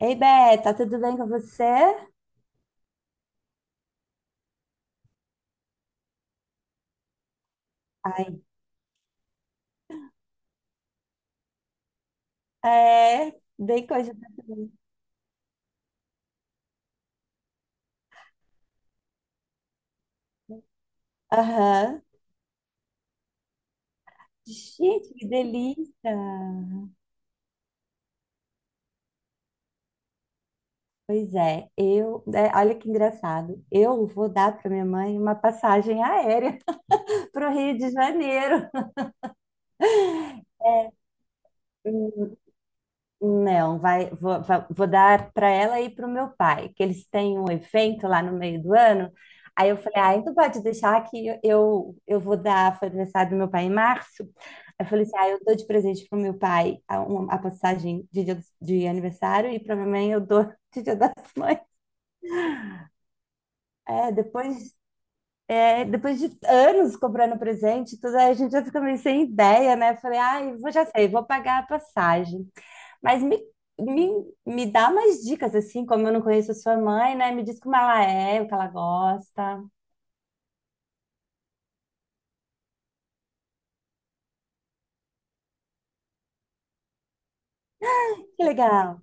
Ei, Beta, tudo bem com você? Ai, é, bem coisa pra também. Aham. Gente, que delícia! Pois é, eu. É, olha que engraçado. Eu vou dar para minha mãe uma passagem aérea para o Rio de Janeiro. Não, vou dar para ela e para o meu pai, que eles têm um evento lá no meio do ano. Aí eu falei, ah, então pode deixar que eu vou dar, foi aniversário do meu pai em março. Aí eu falei assim, ah, eu dou de presente para o meu pai a passagem de de aniversário e para minha mãe eu dou de Dia das Mães. É, depois, é, depois de anos comprando presente, e tudo aí a gente já fica meio sem ideia, né? Eu falei, ah, eu vou, já sei, vou pagar a passagem. Mas me, me dá mais dicas, assim, como eu não conheço a sua mãe, né? Me diz como ela é, o que ela gosta. Que legal.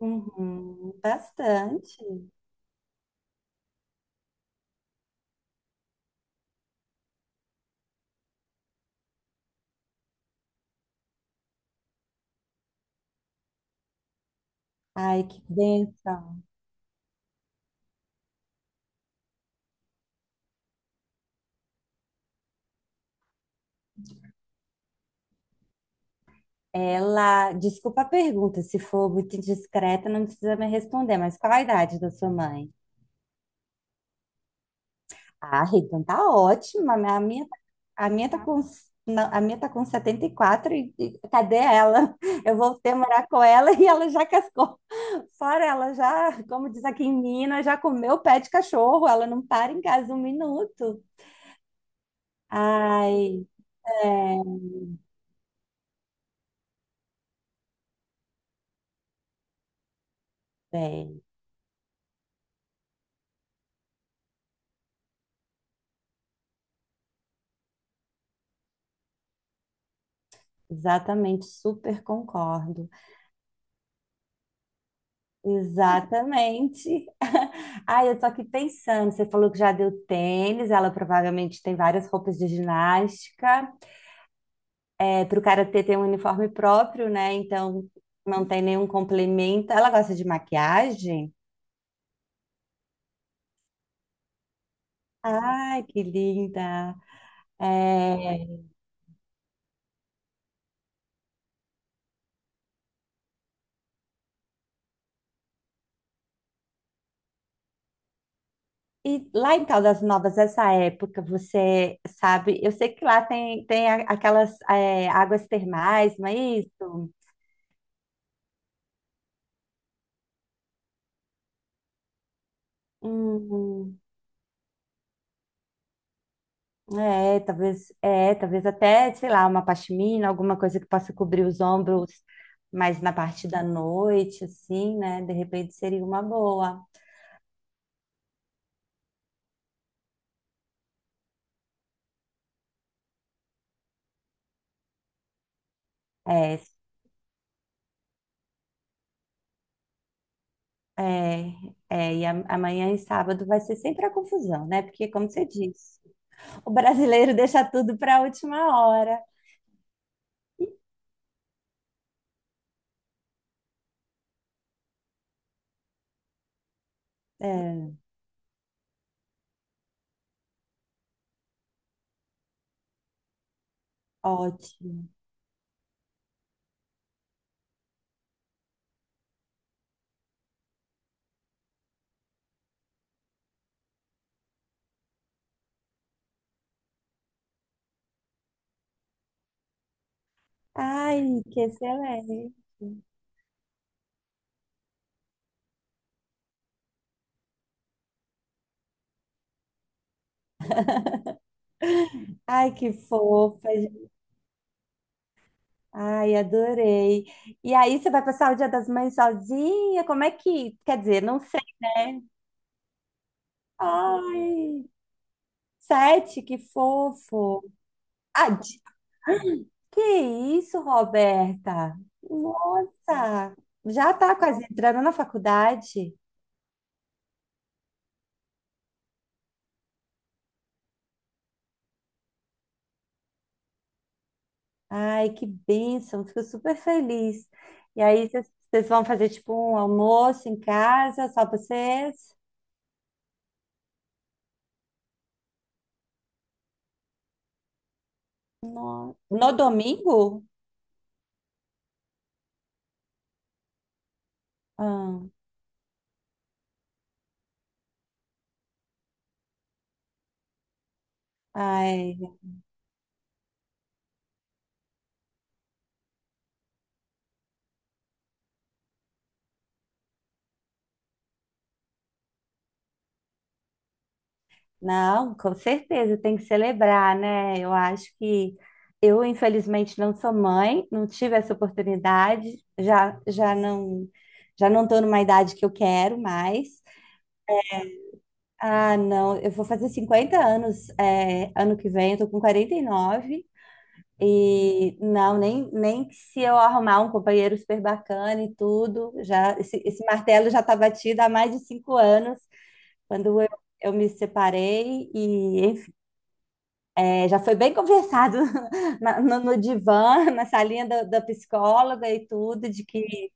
Uhum, bastante. Ai, que bênção. Ela, desculpa a pergunta, se for muito indiscreta, não precisa me responder, mas qual a idade da sua mãe? Ah, então tá ótima. A minha tá com, não, a minha tá com 74 e, quatro e cadê ela? Eu voltei a morar com ela e ela já cascou. Fora ela já, como diz aqui em Minas, já comeu pé de cachorro, ela não para em casa um minuto. Ai, é, bem, exatamente, super concordo. Exatamente. Ai, eu tô aqui pensando, você falou que já deu tênis, ela provavelmente tem várias roupas de ginástica. É, pro karatê tem um uniforme próprio, né? Então não tem nenhum complemento. Ela gosta de maquiagem? Ai, que linda. É. E lá em Caldas Novas, essa época, você sabe, eu sei que lá tem aquelas é, águas termais, não é isso? Hum, é, talvez até, sei lá, uma pashmina, alguma coisa que possa cobrir os ombros mais na parte da noite, assim, né? De repente seria uma boa. É, é, é, e amanhã e sábado vai ser sempre a confusão, né? Porque, como você disse, o brasileiro deixa tudo para a última hora. É, ótimo. Ai, que excelente. Ai, que fofa. Gente. Ai, adorei. E aí, você vai passar o Dia das Mães sozinha? Como é que. Quer dizer, não sei, né? Ai, sete, que fofo. Ah, que isso, Roberta? Nossa, já tá quase entrando na faculdade. Ai, que bênção, fico super feliz. E aí, vocês vão fazer tipo um almoço em casa, só vocês? No domingo? Ah, ai, não, com certeza tem que celebrar, né? Eu acho que eu, infelizmente, não sou mãe, não tive essa oportunidade, já não estou numa idade que eu quero mais. Ah, não, eu vou fazer 50 anos, é, ano que vem, eu tô com 49 e não, nem que se eu arrumar um companheiro super bacana e tudo, já esse martelo já está batido há mais de 5 anos. Quando eu, eu me separei e, enfim, é, já foi bem conversado no divã, da psicóloga e tudo, de que,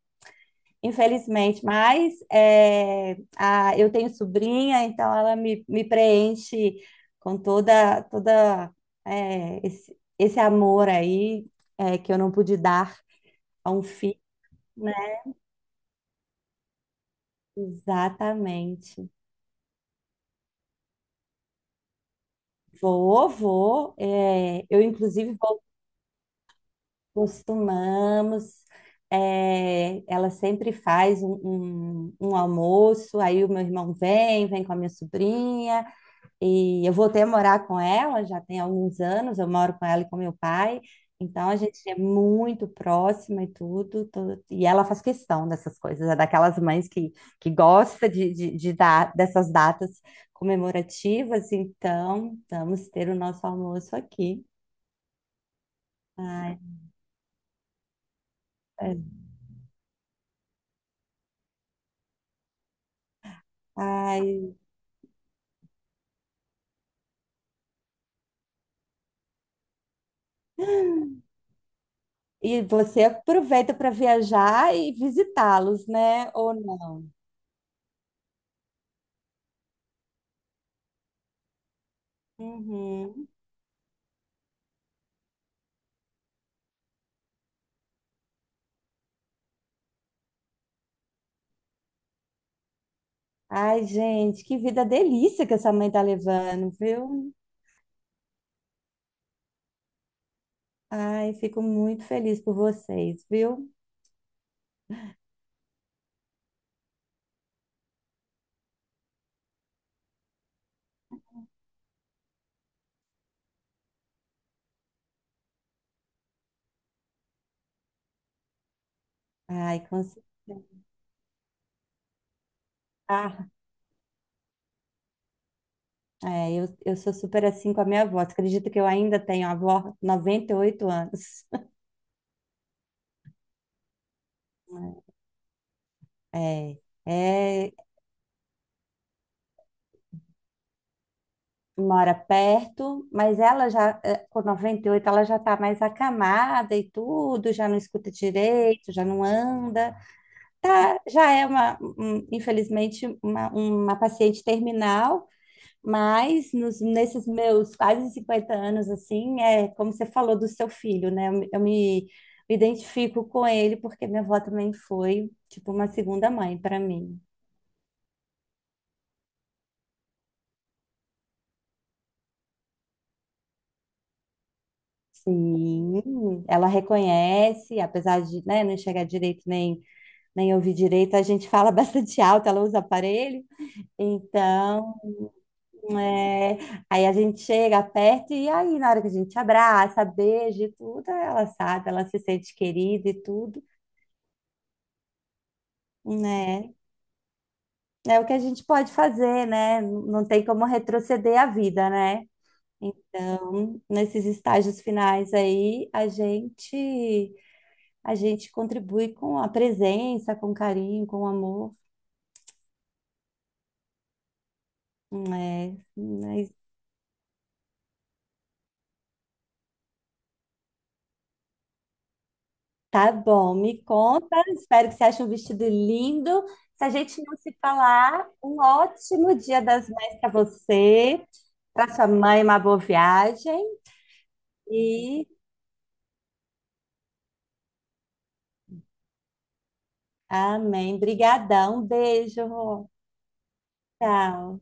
infelizmente, mas é, a, eu tenho sobrinha, então me preenche com toda é, esse amor aí é, que eu não pude dar a um filho, né? Exatamente. Vou, vou. É, eu, inclusive, costumamos. É, ela sempre faz um almoço, aí o meu irmão vem, vem com a minha sobrinha, e eu voltei a morar com ela, já tem alguns anos, eu moro com ela e com meu pai, então a gente é muito próxima e e ela faz questão dessas coisas, é daquelas mães que gosta de dar dessas datas comemorativas, então vamos ter o nosso almoço aqui. Ai, é. Ai, e você aproveita para viajar e visitá-los, né? Ou não? Uhum. Ai, gente, que vida delícia que essa mãe tá levando, viu? Ai, fico muito feliz por vocês, viu? Ai, com certeza. Ah, é, eu sou super assim com a minha avó. Você acredita que eu ainda tenho a avó, 98 anos? É, é, mora perto, mas ela já, é, com 98 ela já tá mais acamada e tudo, já não escuta direito, já não anda. Tá, já é infelizmente, uma paciente terminal, mas nos, nesses meus quase 50 anos, assim, é como você falou do seu filho, né? Eu me identifico com ele porque minha avó também foi, tipo, uma segunda mãe para mim. Sim, ela reconhece, apesar de, né, não enxergar direito nem, nem ouvir direito, a gente fala bastante alto, ela usa aparelho, então é, aí a gente chega, perto e aí na hora que a gente abraça, beija e tudo, ela sabe, ela se sente querida e tudo, né? É o que a gente pode fazer, né? Não tem como retroceder a vida, né? Então, nesses estágios finais aí, a gente contribui com a presença, com carinho, com amor, né? Tá bom, me conta. Espero que você ache um vestido lindo. Se a gente não se falar, um ótimo Dia das Mães para você, para sua mãe, uma boa viagem e amém. Brigadão, beijo. Tchau.